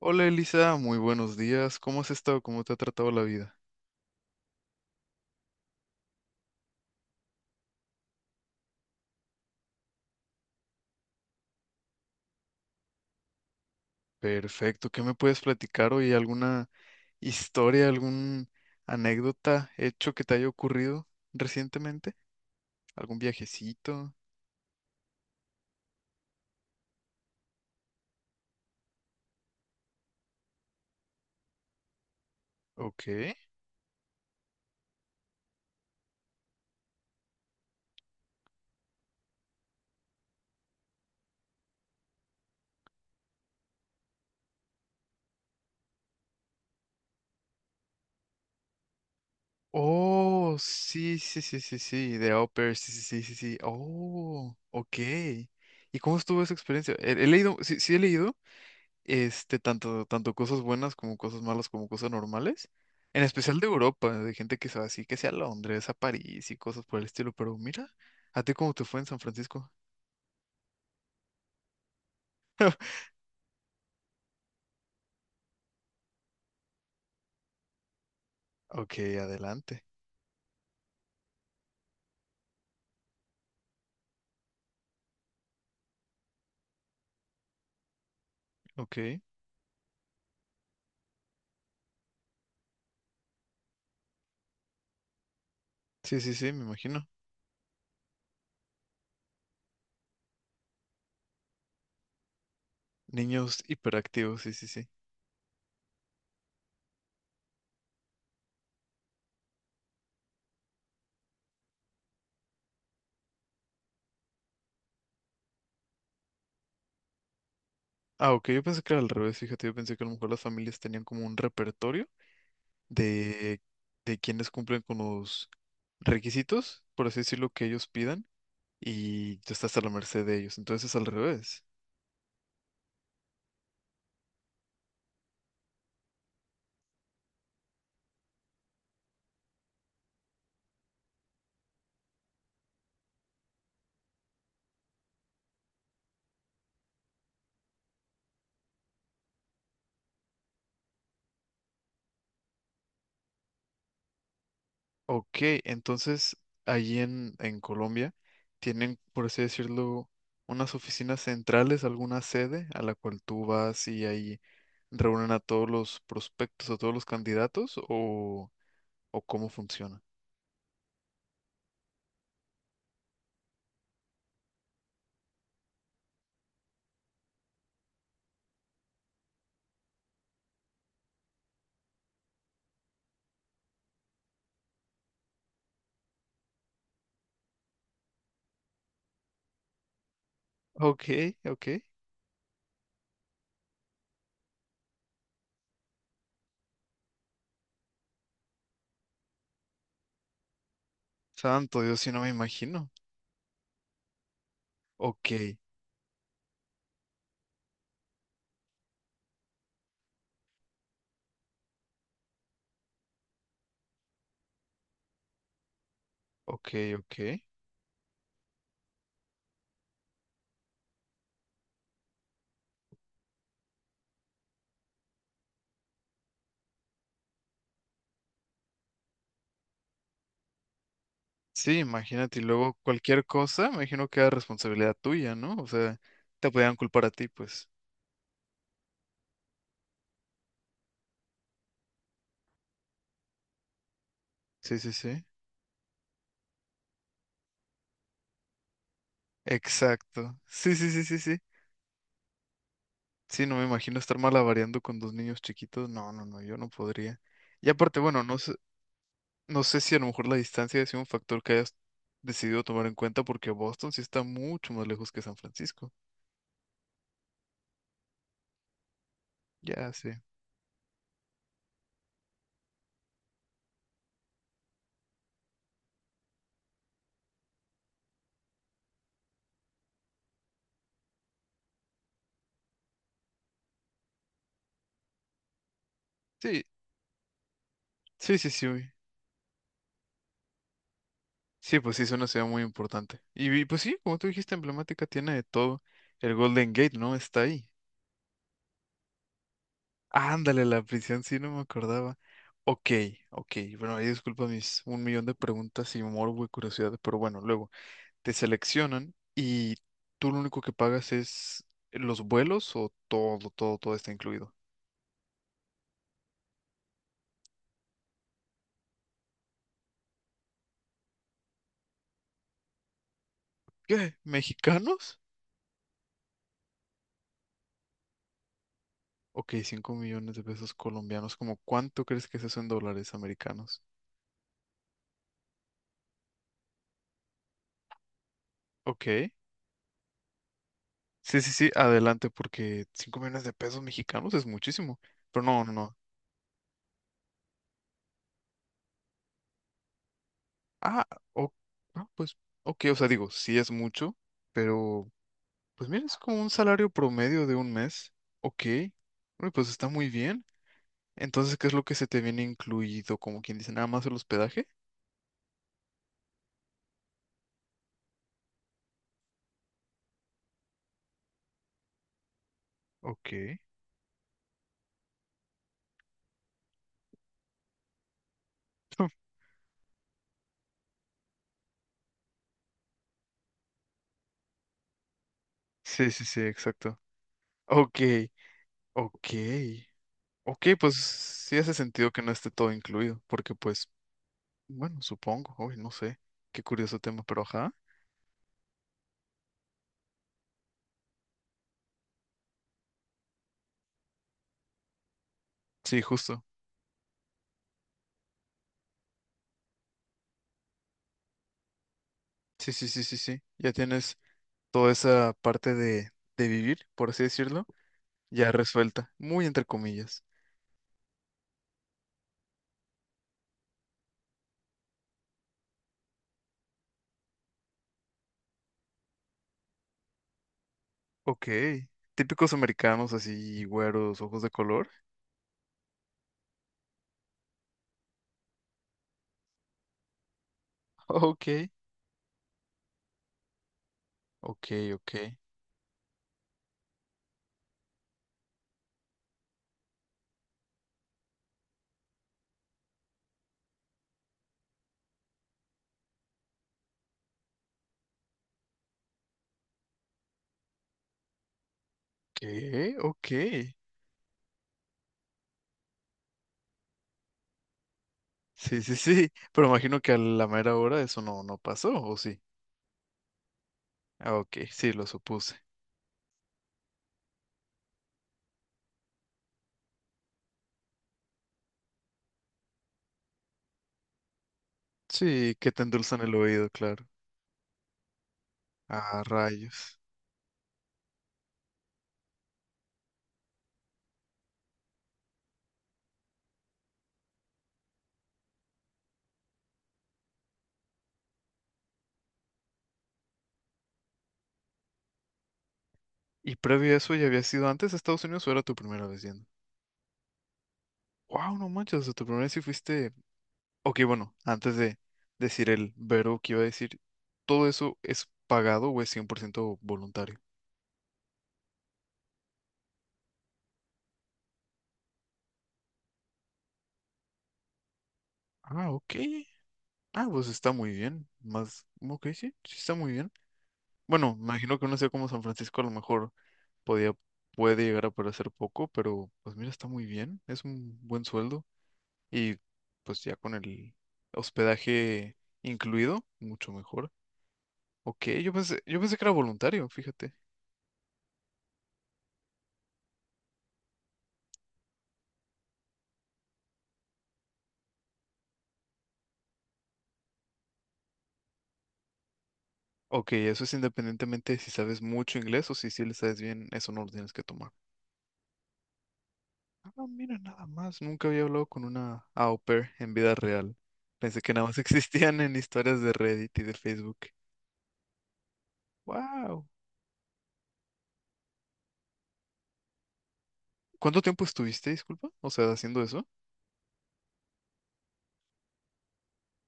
Hola Elisa, muy buenos días. ¿Cómo has estado? ¿Cómo te ha tratado la vida? Perfecto. ¿Qué me puedes platicar hoy? ¿Alguna historia, alguna anécdota, hecho que te haya ocurrido recientemente? ¿Algún viajecito? Ok. Oh, sí, sí, sí, sí, sí, de au pair, sí, sí, sí, sí, sí. Oh, ok. ¿Y cómo estuvo esa experiencia? He leído, sí, sí he leído este, tanto cosas buenas como cosas malas como cosas normales. En especial de Europa, de gente que se va así, que sea a Londres, a París y cosas por el estilo. Pero mira, ¿a ti cómo te fue en San Francisco? Ok, adelante. Ok. Sí, sí, sí, me imagino. Niños hiperactivos, sí, sí, sí. Ah, ok, yo pensé que era al revés, fíjate, yo pensé que a lo mejor las familias tenían como un repertorio de, de, quienes cumplen con los requisitos, por así decirlo, que ellos pidan, y tú estás a la merced de ellos. Entonces es al revés. Ok, entonces allí en, Colombia tienen, por así decirlo, unas oficinas centrales, alguna sede a la cual tú vas y ahí reúnen a todos los prospectos, a todos los candidatos o cómo funciona. Ok, ok. Santo Dios, si no me imagino. Ok, ok, ok. Sí, imagínate, y luego cualquier cosa, me imagino que era responsabilidad tuya, ¿no? O sea, te podían culpar a ti, pues. Sí, sí, sí. Exacto. Sí, sí, sí, sí, sí. Sí, no me imagino estar malavariando con dos niños chiquitos. No, no, no, yo no podría. Y aparte, bueno, no sé, no sé si a lo mejor la distancia es un factor que hayas decidido tomar en cuenta porque Boston sí está mucho más lejos que San Francisco. Ya sí. Sí, sí, sí, sí. Uy. Sí, pues sí, es una ciudad muy importante. Y pues sí, como tú dijiste, emblemática, tiene de todo. El Golden Gate, ¿no? Está ahí. Ándale, la prisión, sí, no me acordaba. Ok, ok. Bueno, ahí disculpa mis un millón de preguntas y morbo y curiosidad, pero bueno, luego. Te seleccionan y tú lo único que pagas es los vuelos o todo, todo, todo está incluido. ¿Qué? ¿Mexicanos? Ok, 5 millones de pesos colombianos. ¿Cómo cuánto crees que es eso en dólares americanos? Ok. Sí, sí, sí, adelante, porque 5 millones de pesos mexicanos es muchísimo. Pero no, no, no. Ah, o- ah, pues, ok, o sea, digo, sí es mucho, pero pues mira, es como un salario promedio de un mes. Ok. Uy, pues está muy bien. Entonces, ¿qué es lo que se te viene incluido? Como quien dice, nada más el hospedaje. Ok. Sí, sí, sí, exacto. Ok, ok. Ok, pues sí hace sentido que no esté todo incluido, porque pues, bueno, supongo, uy, no sé, qué curioso tema, pero ajá. Sí, justo. Sí, sí, sí, sí, sí. Ya tienes toda esa parte de vivir, por así decirlo, ya resuelta, muy entre comillas. Ok, típicos americanos así, güeros, ojos de color. Ok, ok, ok. ¿Qué? Ok. Sí, sí, sí. Pero imagino que a la mera hora eso no pasó, ¿o sí? Ah, ok, sí, lo supuse. Sí, que te endulzan el oído, claro. Ah, rayos. ¿Y previo a eso ya habías ido antes a Estados Unidos o era tu primera vez yendo? Wow, no manches, o sea, tu primera vez sí fuiste. Ok, bueno, antes de decir el verbo que iba a decir, ¿todo eso es pagado o es 100% voluntario? Ah, ok. Ah, pues está muy bien. Más, ok, sí, sí está muy bien. Bueno, me imagino que una ciudad como San Francisco a lo mejor podía, puede llegar a parecer poco, pero pues mira, está muy bien, es un buen sueldo y pues ya con el hospedaje incluido, mucho mejor. Ok, yo pensé que era voluntario, fíjate. Ok, eso es independientemente de si sabes mucho inglés o si sí le sabes bien, eso no lo tienes que tomar. Ah, mira, nada más, nunca había hablado con una au pair en vida real. Pensé que nada más existían en historias de Reddit y de Facebook. Wow. ¿Cuánto tiempo estuviste, disculpa? O sea, haciendo eso.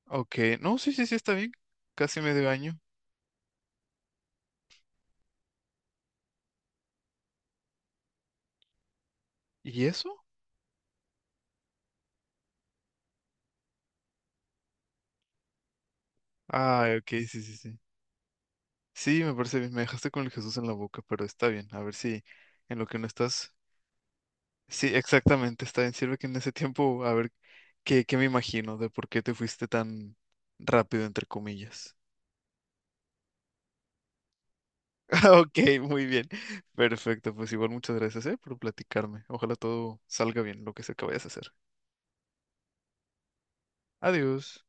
Ok, no, sí, sí, sí, está bien. Casi medio año. ¿Y eso? Ah, ok, sí, sí, sí. Sí, me parece bien. Me dejaste con el Jesús en la boca, pero está bien. A ver si en lo que no estás. Sí, exactamente, está bien. Sirve que en ese tiempo, a ver, ¿qué me imagino de por qué te fuiste tan rápido, entre comillas. Ok, muy bien. Perfecto, pues igual muchas gracias, por platicarme. Ojalá todo salga bien, lo que sea que vayas a hacer. Adiós.